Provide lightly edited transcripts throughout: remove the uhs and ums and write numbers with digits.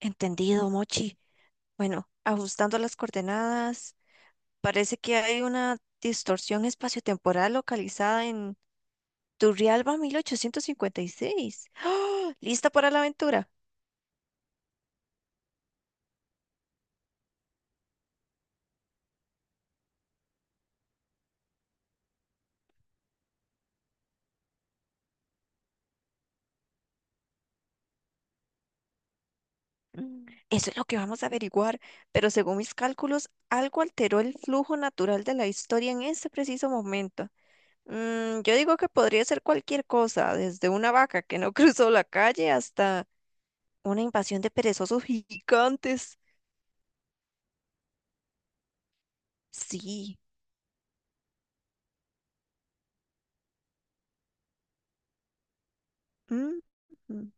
Entendido, Mochi. Bueno, ajustando las coordenadas, parece que hay una distorsión espaciotemporal localizada en Turrialba 1856. ¡Ah! ¿Lista para la aventura? Mm. Eso es lo que vamos a averiguar, pero según mis cálculos, algo alteró el flujo natural de la historia en ese preciso momento. Yo digo que podría ser cualquier cosa, desde una vaca que no cruzó la calle hasta una invasión de perezosos gigantes. Sí. Mm, mm.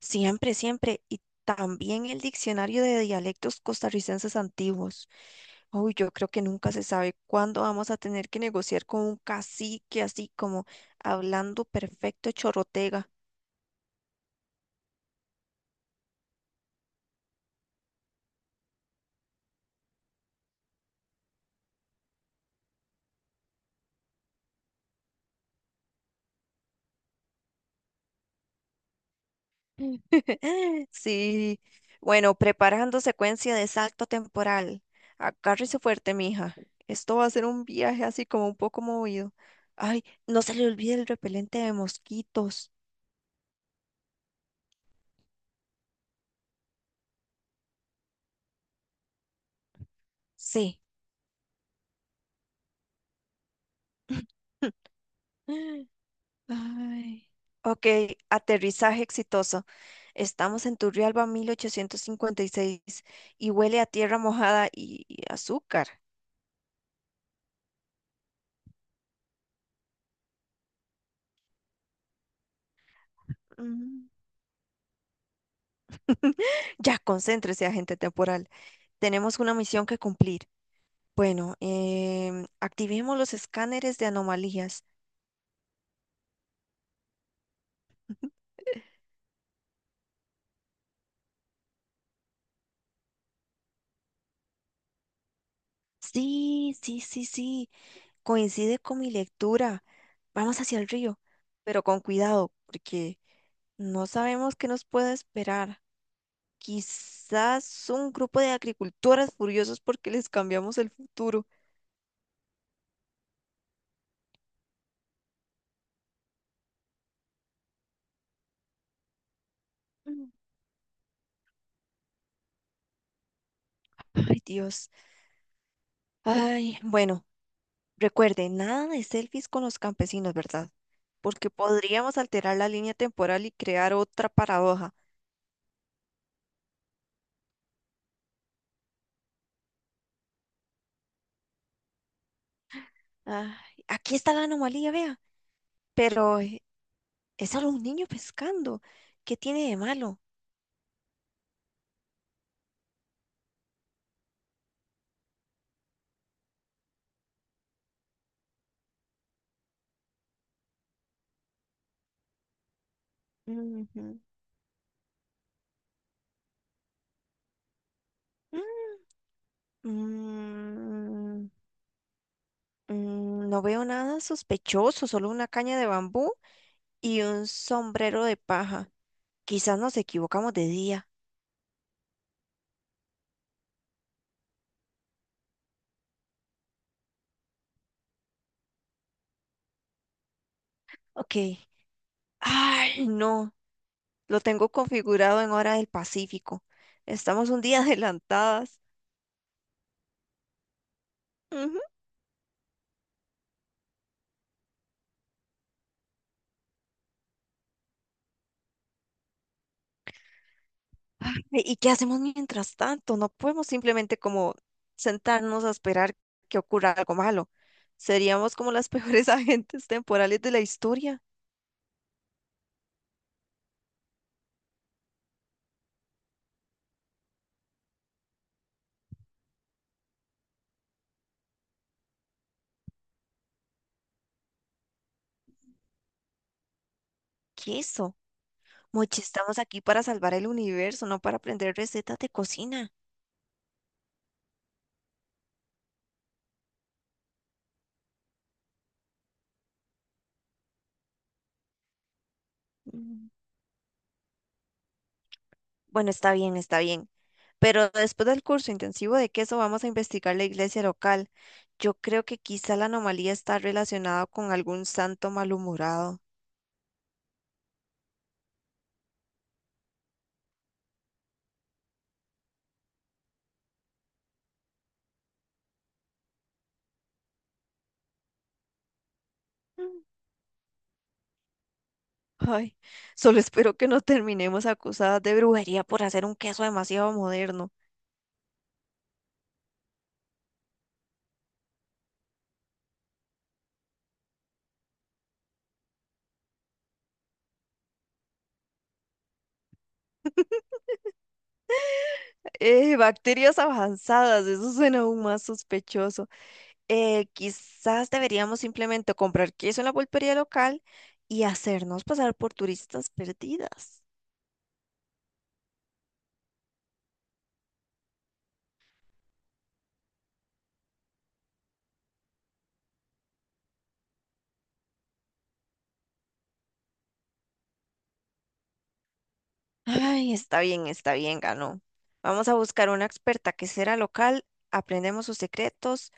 Siempre, siempre. Y también el diccionario de dialectos costarricenses antiguos. Uy, yo creo que nunca se sabe cuándo vamos a tener que negociar con un cacique así como hablando perfecto chorrotega. Sí. Bueno, preparando secuencia de salto temporal. Agárrese fuerte, mija. Esto va a ser un viaje así como un poco movido. Ay, no se le olvide el repelente de mosquitos. Sí. Ay. Ok, aterrizaje exitoso. Estamos en Turrialba 1856 y seis y huele a tierra mojada y azúcar. Mm. Ya, concéntrese, agente temporal. Tenemos una misión que cumplir. Bueno, activemos los escáneres de anomalías. Sí, sí, sí, sí. Coincide con mi lectura. Vamos hacia el río, pero con cuidado, porque no sabemos qué nos puede esperar. Quizás un grupo de agricultoras furiosos porque les cambiamos el futuro. Mm. Ay, Dios. Ay, bueno, recuerde, nada de selfies con los campesinos, ¿verdad? Porque podríamos alterar la línea temporal y crear otra paradoja. Ay, aquí está la anomalía, vea. Pero es solo un niño pescando. ¿Qué tiene de malo? Ujú. Mm, no veo nada sospechoso, solo una caña de bambú y un sombrero de paja. Quizás nos equivocamos de día. Ok. Ay, no. Lo tengo configurado en hora del Pacífico. Estamos un día adelantadas. Ujú. Ay, ¿y qué hacemos mientras tanto? No podemos simplemente como sentarnos a esperar que ocurra algo malo. Seríamos como las peores agentes temporales de la historia. ¿Qué es eso? Mochi, estamos aquí para salvar el universo, no para aprender recetas de cocina. Mm. Bueno, está bien, está bien. Pero después del curso intensivo de queso vamos a investigar la iglesia local. Yo creo que quizá la anomalía está relacionada con algún santo malhumorado. Mm. Ay, solo espero que no terminemos acusadas de brujería por hacer un queso demasiado moderno. Bacterias avanzadas, eso suena aún más sospechoso. Quizás deberíamos simplemente comprar queso en la pulpería local y hacernos pasar por turistas perdidas. Ay, está bien, ganó. Vamos a buscar una experta que será local, aprendemos sus secretos,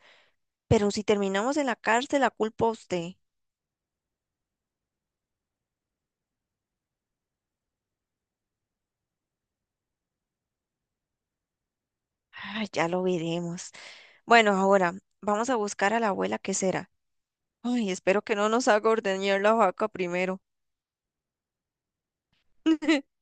pero si terminamos en la cárcel, la culpa a usted. Ay, ya lo veremos. Bueno, ahora vamos a buscar a la abuela que será. Ay, espero que no nos haga ordeñar la vaca primero.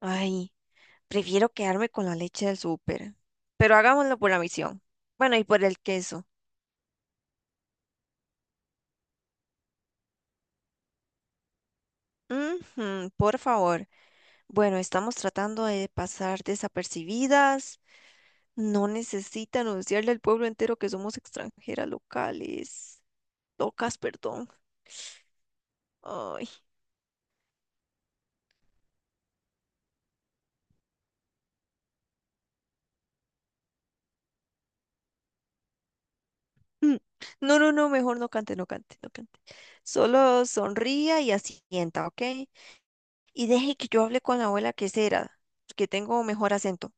Ay, prefiero quedarme con la leche del súper. Pero hagámoslo por la misión. Bueno, y por el queso. Ujú, por favor. Bueno, estamos tratando de pasar desapercibidas. No necesita anunciarle al pueblo entero que somos extranjeras locales. Locas, perdón. Ay. Mm. No, no, no, mejor no cante, no cante, no cante. Solo sonría y asienta, ¿ok? Y deje que yo hable con la abuela que será, que tengo mejor acento.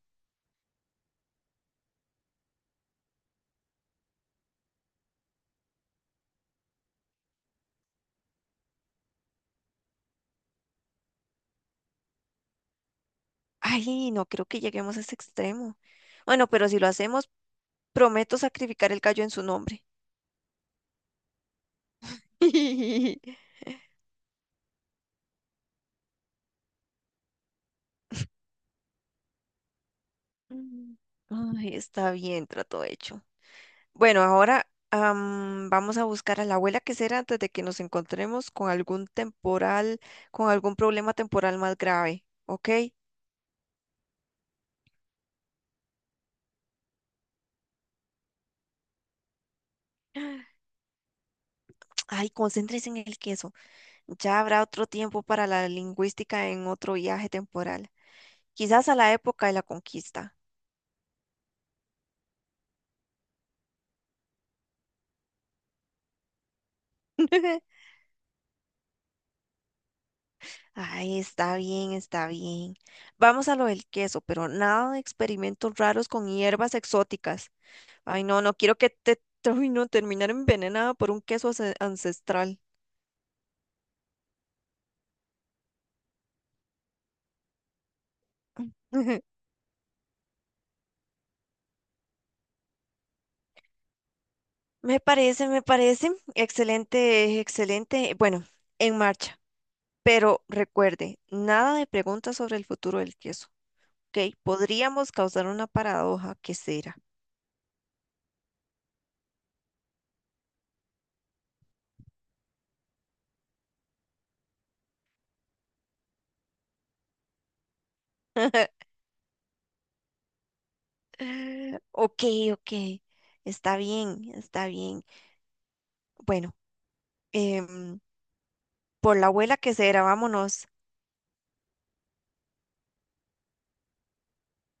Ay, no creo que lleguemos a ese extremo. Bueno, pero si lo hacemos, prometo sacrificar el gallo en su nombre. Ay, está bien, trato hecho. Bueno, ahora vamos a buscar a la abuela que será antes de que nos encontremos con algún problema temporal más grave, ¿ok? Ay, concéntrese en el queso. Ya habrá otro tiempo para la lingüística en otro viaje temporal. Quizás a la época de la conquista. Ay, está bien, está bien. Vamos a lo del queso, pero nada de experimentos raros con hierbas exóticas. Ay, no, no quiero que ay, no, terminar envenenada por un queso ancestral. Ujú. Me parece, me parece. Excelente, excelente. Bueno, en marcha. Pero recuerde, nada de preguntas sobre el futuro del queso. Ok, podríamos causar una paradoja que será. Ok, ok. Está bien, está bien. Bueno, em, por la abuela que será, vámonos.